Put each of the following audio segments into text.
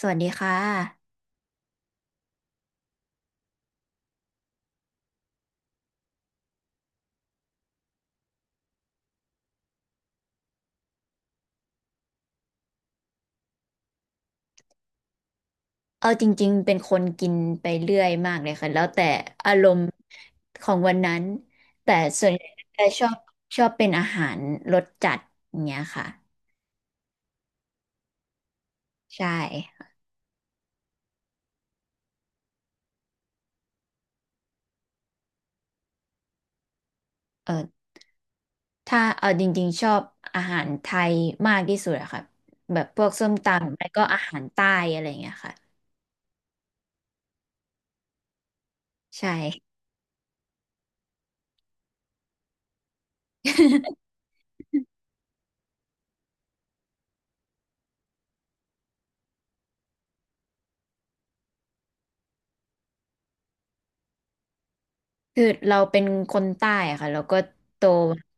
สวัสดีค่ะเอาจริงๆเป็นคนกินไปเรื่อยมากเลยค่ะแล้วแต่อารมณ์ของวันนั้นแต่ส่วนใหญ่จะชอบเป็นอาหารรสจัดอย่างเงี้ยค่ะใช่เออถ้าเอาจริงๆชอบอาหารไทยมากที่สุดอะค่ะแบบพวกส้มตำแล้วก็อาหารใต้อะไรอย่างเงี้ยค่ะใช่ คือเราเป็นคนใต้อะค่ะเราก็โต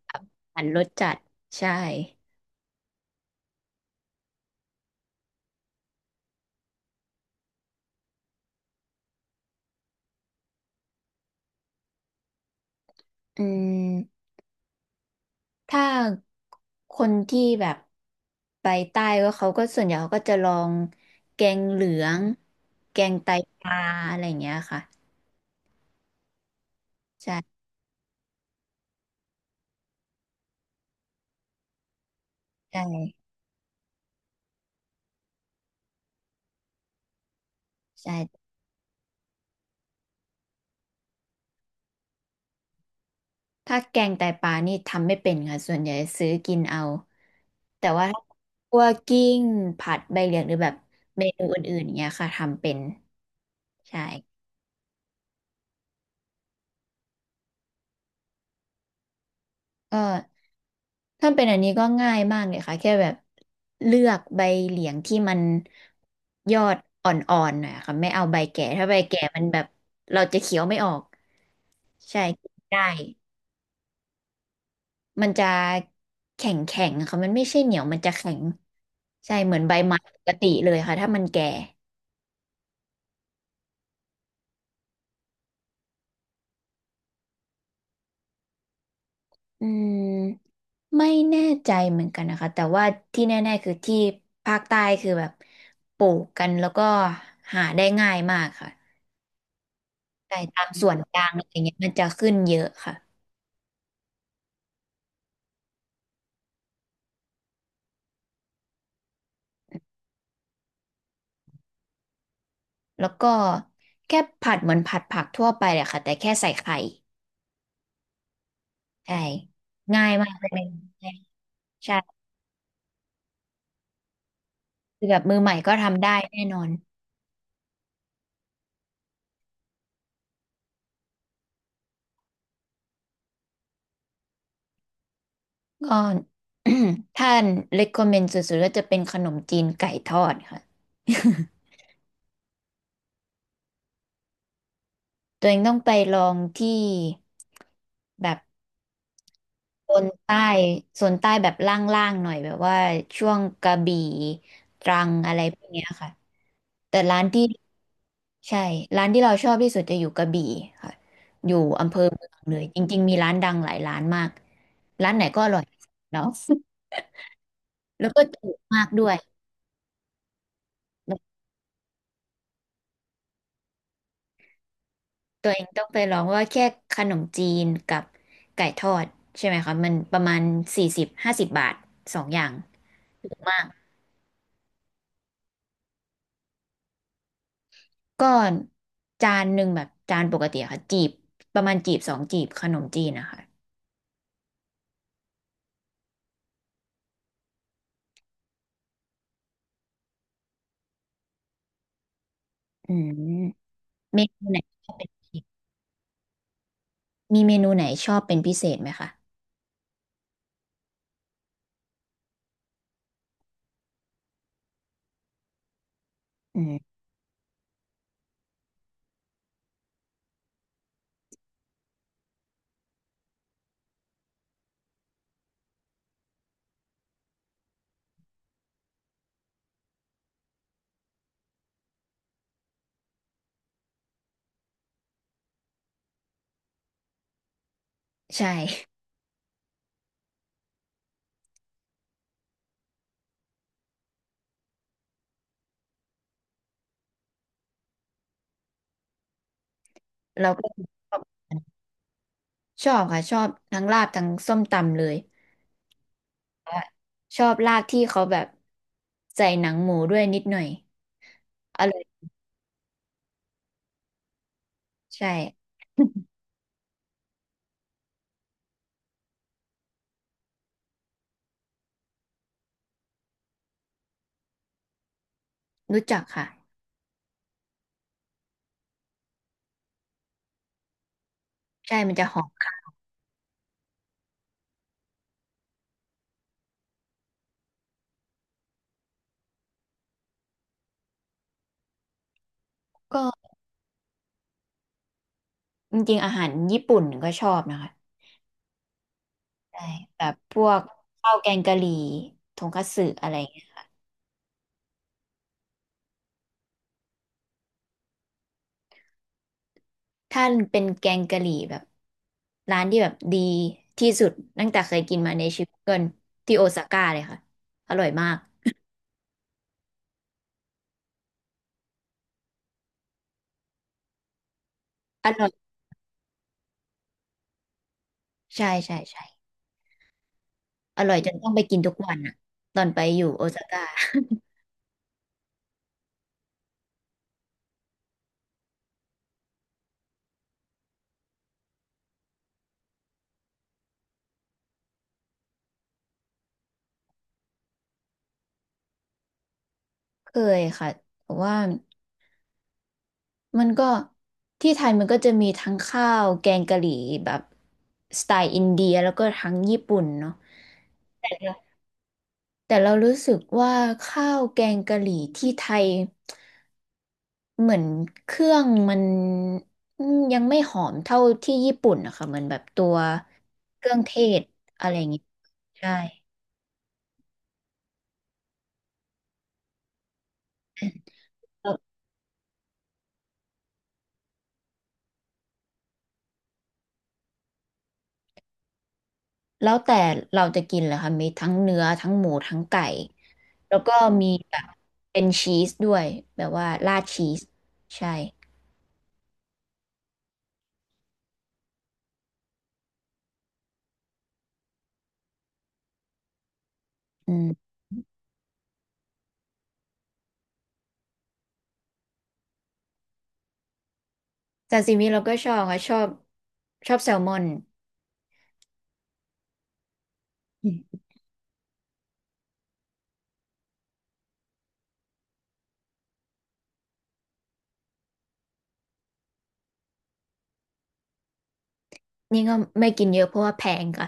กับอาหารรสจัดใช่อืม ถ้าคนที่แบบไปใต้ก็เขาก็ส่วนใหญ่เขาก็จะลองแกงเหลืองแกงไตปลาอะไรอย่างเงี้ยค่ะใช่ใช่ถ้าแกงไตปลานี่ทำไม่เป็นค่ะส่วนใหญ่ซื้อกินเอาแต่ว่าถ้าคั่วกิ้งผัดใบเหลียงหรือแบบเมนูอื่นๆอย่างเงี้ยค่ะทำเป็นใช่ก็ ถ้าเป็นอันนี้ก็ง่ายมากเลยค่ะแค่แบบเลือกใบเหลียงที่มันยอดอ่อนๆหน่อยค่ะไม่เอาใบแก่ถ้าใบแก่มันแบบเราจะเคี้ยวไม่ออกใช่กินได้มันจะแข็งแข็งค่ะมันไม่ใช่เหนียวมันจะแข็งใช่เหมือนใบไม้ปกติเลยค่ะถ้ามันแก่อืมไม่แน่ใจเหมือนกันนะคะแต่ว่าที่แน่ๆคือที่ภาคใต้คือแบบปลูกกันแล้วก็หาได้ง่ายมากค่ะ จ่ายตามส่วนกลางอะไรเงี้ยมันจะขึ้นเยอะค่ะแล้วก็แค่ผัดเหมือนผัดผักทั่วไปเลยค่ะแต่แค่ใส่ไข่ใช่ง่ายมากเลยใช่คือแบบมือใหม่ก็ทำได้แน่นอนก็ ท่าน recommend สุดๆก็จะเป็นขนมจีนไก่ทอดค่ะ ตัวเองต้องไปลองที่แบบโซนใต้โซนใต้แบบล่างๆหน่อยแบบว่าช่วงกระบี่ตรังอะไรพวกเนี้ยค่ะแต่ร้านที่ ใช่ร้านที่เราชอบที่สุดจะอยู่กระบี่ค่ะอยู่อำเภอเมืองเลยจริงๆมีร้านดังหลายร้านมากร้านไหนก็อร่อยเนาะ แล้วก็ถูกมากด้วยตัวเองต้องไปลองว่าแค่ขนมจีนกับไก่ทอดใช่ไหมคะมันประมาณ40-50 บาทสองอย่างถูกมากก็จานหนึ่งแบบจานปกติอะค่ะจีบประมาณจีบสองจีบขนมจีนนะคะอืมเมนูไหนชอบเป็นพิเศษมีเมนูไหนชอบเป็นพิเศษไหมคะอืม ใช่ เราก็ชอบชอบค่ะชอบทั้งลาบทั้งส้มตำเลยว่าชอบลาบที่เขาแบบใส่หนังหมูด้วยนิดหน่อยอร่อยใช่ รู้จักค่ะใช่มันจะหอมก็จริงๆอาหารญี่ปุ่นก็ชอบนะคะใช่แบบพวกข้าวแกงกะหรี่ทงคัตสึอะไรเงี้ยถ้าเป็นแกงกะหรี่แบบร้านที่แบบดีที่สุดตั้งแต่เคยกินมาในชีวิตเกินที่โอซาก้าเลยค่ะอร่อยมาก ใช่ใช่ใช่อร่อยจนต้องไปกินทุกวันอะตอนไปอยู่โอซาก้า เคยค่ะแต่ว่ามันก็ที่ไทยมันก็จะมีทั้งข้าวแกงกะหรี่แบบสไตล์อินเดียแล้วก็ทั้งญี่ปุ่นเนาะแต่เราแต่เรารู้สึกว่าข้าวแกงกะหรี่ที่ไทยเหมือนเครื่องมันอืมยังไม่หอมเท่าที่ญี่ปุ่นนะคะเหมือนแบบตัวเครื่องเทศอะไรอย่างงี้ใช่ แล้วแต่เราจะกินเลยค่ะมีทั้งเนื้อทั้งหมูทั้งไก่แล้วก็มีแบบเป็นชีสด้วยแบบว่าราดชีสใช่อืมซาซิมิเราก็ชอบค่ะชอบชอบแซลมอนอืมนี่ก็ไม่กินเยอะเพราะว่าแพงค่ะ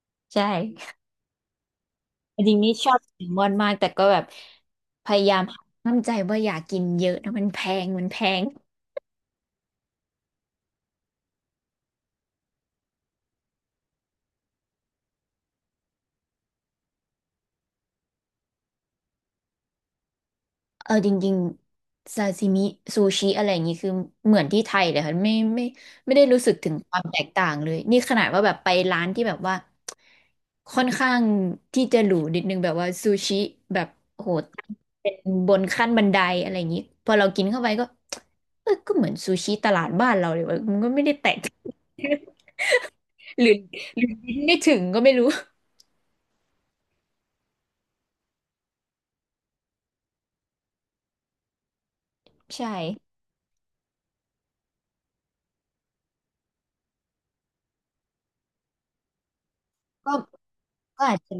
ใช่จริงๆนี่ชอบแซลมอนมากแต่ก็แบบพยายามห้ามใจว่าอย่ากินเยอะนะมันแพงมันแพง จริงๆซาซิมิซูชิอะไรอย่างนี้คือเหมือนที่ไทยเลยค่ะไม่ได้รู้สึกถึงความแตกต่างเลยนี่ขนาดว่าแบบไปร้านที่แบบว่าค่อนข้างที่จะหรูนิดนึงแบบว่าซูชิแบบโหตั้งเป็นบนขั้นบันไดอะไรอย่างนี้พอเรากินเข้าไปก็เออก็เหมือนซูชิตลาดบ้านเราเลยวะมันก็ไม่ได้แตก หรือหรือลินไม่ถึงก็ไม่รู้ใช่ก็ก็อาจจะ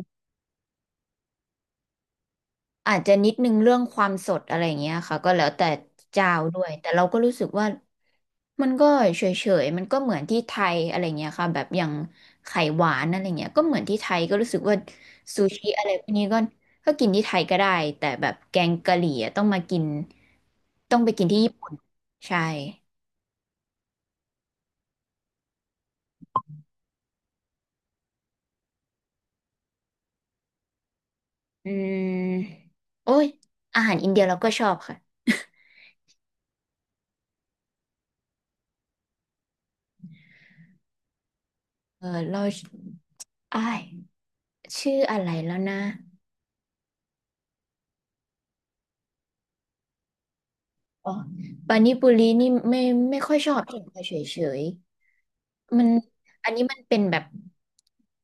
อาจจะนิดนึงเรื่องความสดอะไรอย่างเงี้ยค่ะก็แล้วแต่เจ้าด้วยแต่เราก็รู้สึกว่ามันก็เฉยๆมันก็เหมือนที่ไทยอะไรเงี้ยค่ะแบบอย่างไข่หวานอะไรเงี้ยก็เหมือนที่ไทยก็รู้สึกว่าซูชิอะไรพวกนี้ก็กินที่ไทยก็ได้แต่แบบแกงกะหรี่อะต้องมากินต้องไปกินที่ญี่ปุ่นใช่อืมโอ้ยอาหารอินเดียเราก็ชอบค่ะเออเราอ้ายชื่ออะไรแล้วนะ อ๋อปานิปุรีนี่ไม่ค่อยชอบกินเฉยเฉยๆมันอันนี้มันเป็นแบบ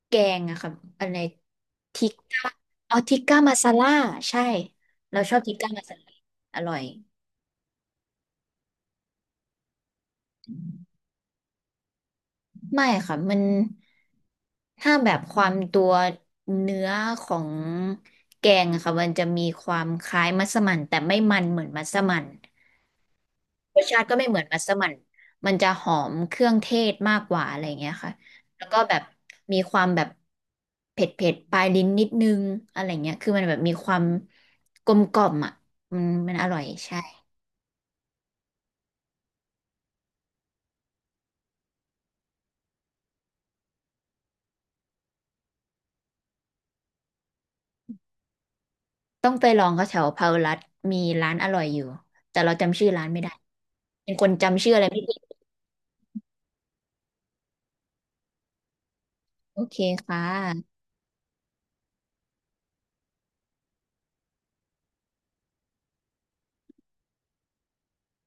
แกงอะครับอะไรทิกก้าอ๋อทิกก้ามาซาล่าใช่เราชอบทิกก้ามาซาล่าอร่อยไม่ค่ะมันถ้าแบบความตัวเนื้อของแกงอะค่ะมันจะมีความคล้ายมัสมั่นแต่ไม่มันเหมือนมัสมั่น รสชาติก็ไม่เหมือนมัสมั่นมันจะหอมเครื่องเทศมากกว่าอะไรเงี้ยค่ะ แล้วก็แบบมีความแบบเผ็ดเผ็ดปลายลิ้นนิดนึงอะไรเงี้ยคือมันแบบมีความกลมกล่อมอ่ะมันอร่อยใช่ ต้องไปลองเขาแถวพารัตมีร้านอร่อยอยู่ แต่เราจำชื่อร้านไม่ได้เป็นคนจำชื่ออะไรไม่ได้ โอเคค่ะ